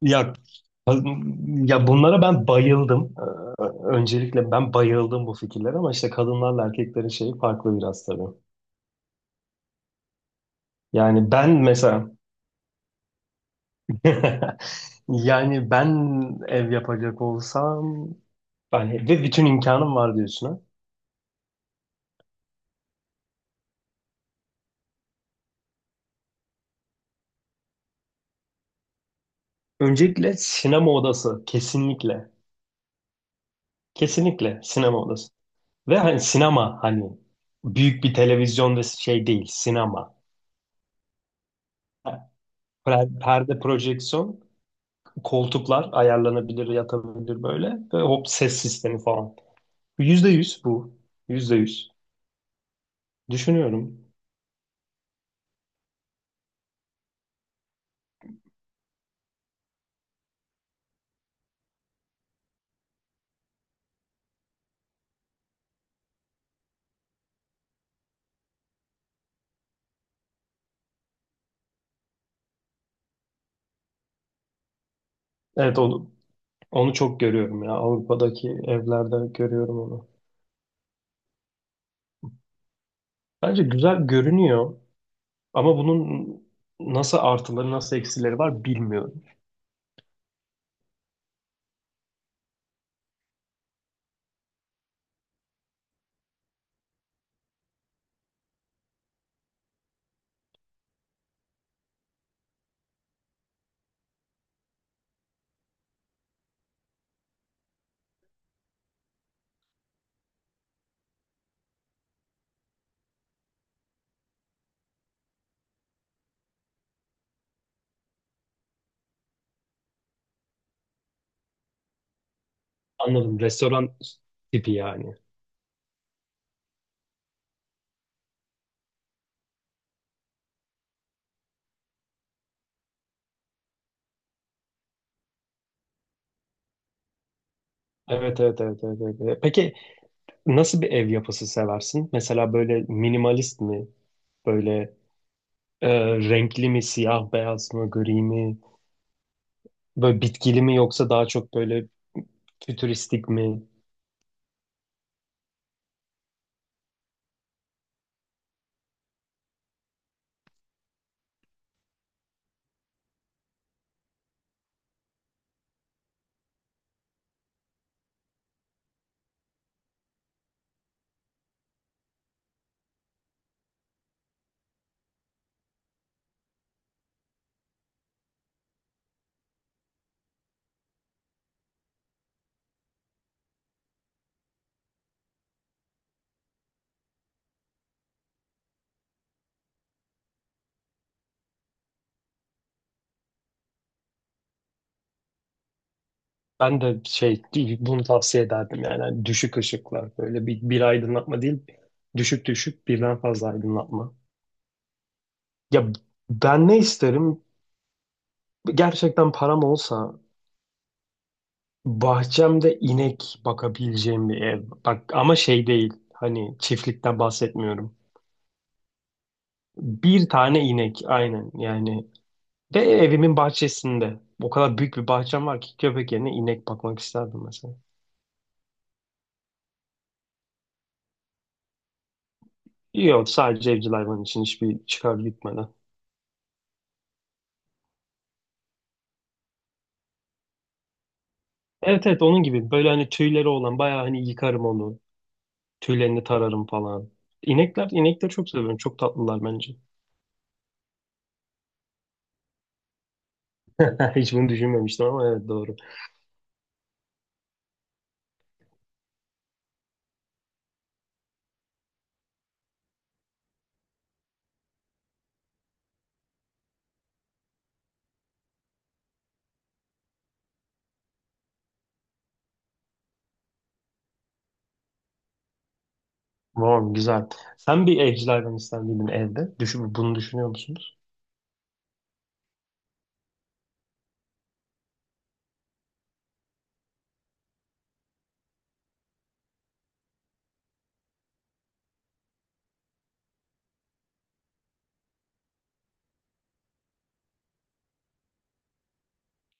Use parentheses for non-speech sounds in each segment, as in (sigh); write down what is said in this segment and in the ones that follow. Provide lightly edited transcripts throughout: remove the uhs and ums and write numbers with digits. Ya ya bunlara ben bayıldım. Öncelikle ben bayıldım bu fikirlere ama işte kadınlarla erkeklerin şeyi farklı biraz tabii. Yani ben mesela (laughs) yani ben ev yapacak olsam yani ve bütün imkanım var diyorsun ha. Öncelikle sinema odası kesinlikle. Kesinlikle sinema odası. Ve hani sinema hani büyük bir televizyon ve şey değil sinema. Perde projeksiyon, koltuklar ayarlanabilir, yatabilir böyle. Ve hop ses sistemi falan. Yüzde yüz bu. Yüzde yüz. Düşünüyorum. Evet onu, onu çok görüyorum ya. Avrupa'daki evlerde görüyorum onu. Bence güzel görünüyor ama bunun nasıl artıları nasıl eksileri var bilmiyorum. Anladım. Restoran tipi yani. Evet, evet, evet, evet, evet, evet. Peki nasıl bir ev yapısı seversin? Mesela böyle minimalist mi? Böyle e, renkli mi, siyah beyaz mı, gri mi? Böyle bitkili mi yoksa daha çok böyle fütüristik mi? Ben de şey bunu tavsiye ederdim yani. Hani düşük ışıklar, böyle bir aydınlatma değil, düşük düşük birden fazla aydınlatma. Ya ben ne isterim? Gerçekten param olsa bahçemde inek bakabileceğim bir ev. Bak ama şey değil, hani çiftlikten bahsetmiyorum. Bir tane inek aynen yani, ve evimin bahçesinde. O kadar büyük bir bahçem var ki köpek yerine inek bakmak isterdim mesela. Yok, sadece evcil hayvan için, hiçbir çıkar gitmeden. Evet evet, onun gibi, böyle hani tüyleri olan, bayağı hani yıkarım onu. Tüylerini tararım falan. İnekler, inekleri çok seviyorum. Çok tatlılar bence. (laughs) Hiç bunu düşünmemiştim ama evet doğru. Tamam, güzel. Sen bir evcil hayvan ister miydin evde? Düşün, bunu düşünüyor musunuz?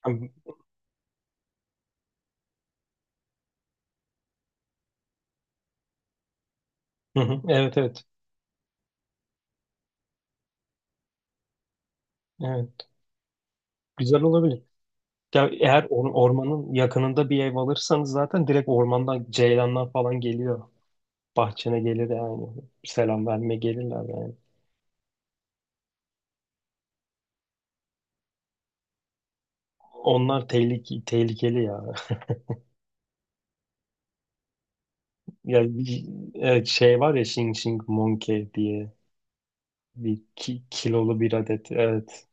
Hı hı. Evet evet. Evet. Güzel olabilir. Ya eğer ormanın yakınında bir ev alırsanız zaten direkt ormandan ceylanlar falan geliyor. Bahçene gelir yani. Selam verme gelirler yani. Onlar tehlikeli ya. (laughs) Ya bir- evet, şey var ya, Xing Xing Monkey diye bir kilolu bir adet. Evet.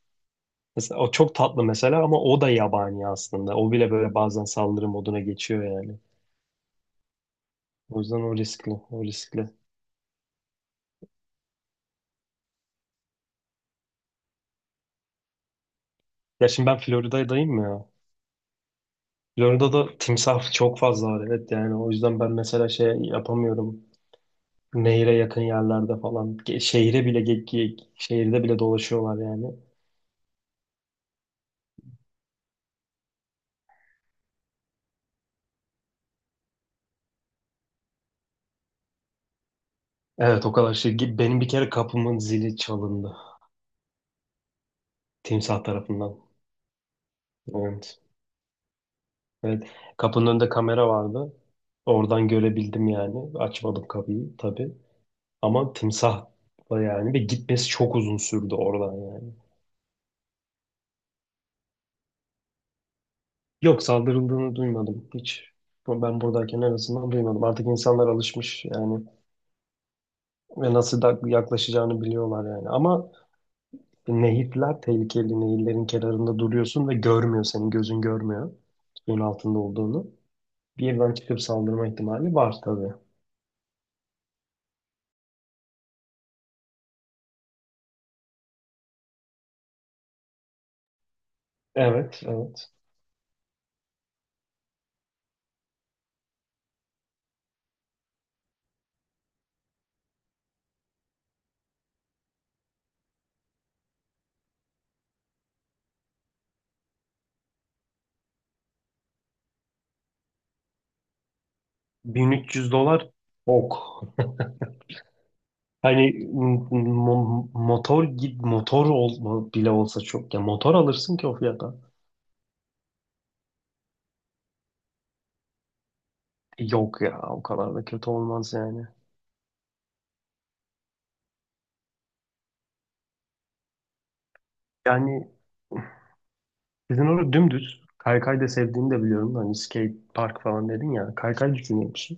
Mesela o çok tatlı mesela ama o da yabani aslında. O bile böyle bazen saldırı moduna geçiyor yani. O yüzden o riskli. Ya şimdi ben Florida'dayım ya. Florida'da timsah çok fazla var, evet, yani o yüzden ben mesela şey yapamıyorum. Nehire yakın yerlerde falan, şehire bile şehirde bile dolaşıyorlar yani. Evet, o kadar şey. Benim bir kere kapımın zili çalındı. Timsah tarafından. Evet. Evet. Kapının önünde kamera vardı. Oradan görebildim yani. Açmadım kapıyı tabii. Ama timsah da yani, ve gitmesi çok uzun sürdü oradan yani. Yok, saldırıldığını duymadım hiç. Ben buradayken en azından duymadım. Artık insanlar alışmış yani. Ve nasıl da yaklaşacağını biliyorlar yani. Ama nehirler tehlikeli. Nehirlerin kenarında duruyorsun ve görmüyor. Senin gözün görmüyor suyun altında olduğunu. Birden çıkıp saldırma ihtimali var tabii. Evet, evet. 1.300 dolar, ok. Hani motor bile olsa çok ya, motor alırsın ki o fiyata. Yok ya, o kadar da kötü olmaz yani. Yani sizin orada dümdüz kaykay da sevdiğini de biliyorum. Hani skate park falan dedin ya. Kaykay düşünüyor musun?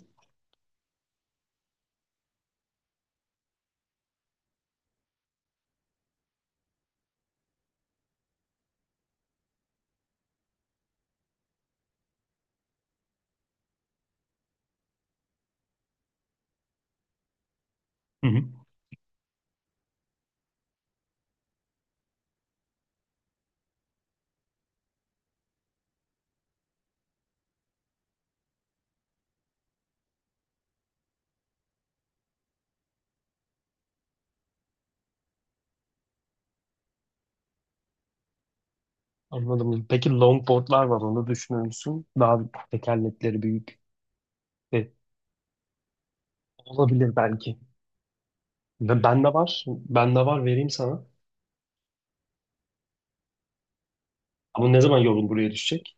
Hı hı. Anladım. Peki longboardlar var, onu düşünür müsün? Daha tekerlekleri büyük. E, olabilir belki. Ve bende var. Bende var, vereyim sana. Ama ne zaman yolun buraya düşecek?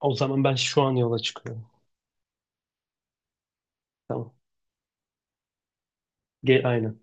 O zaman ben şu an yola çıkıyorum. Tamam. Gel, aynen.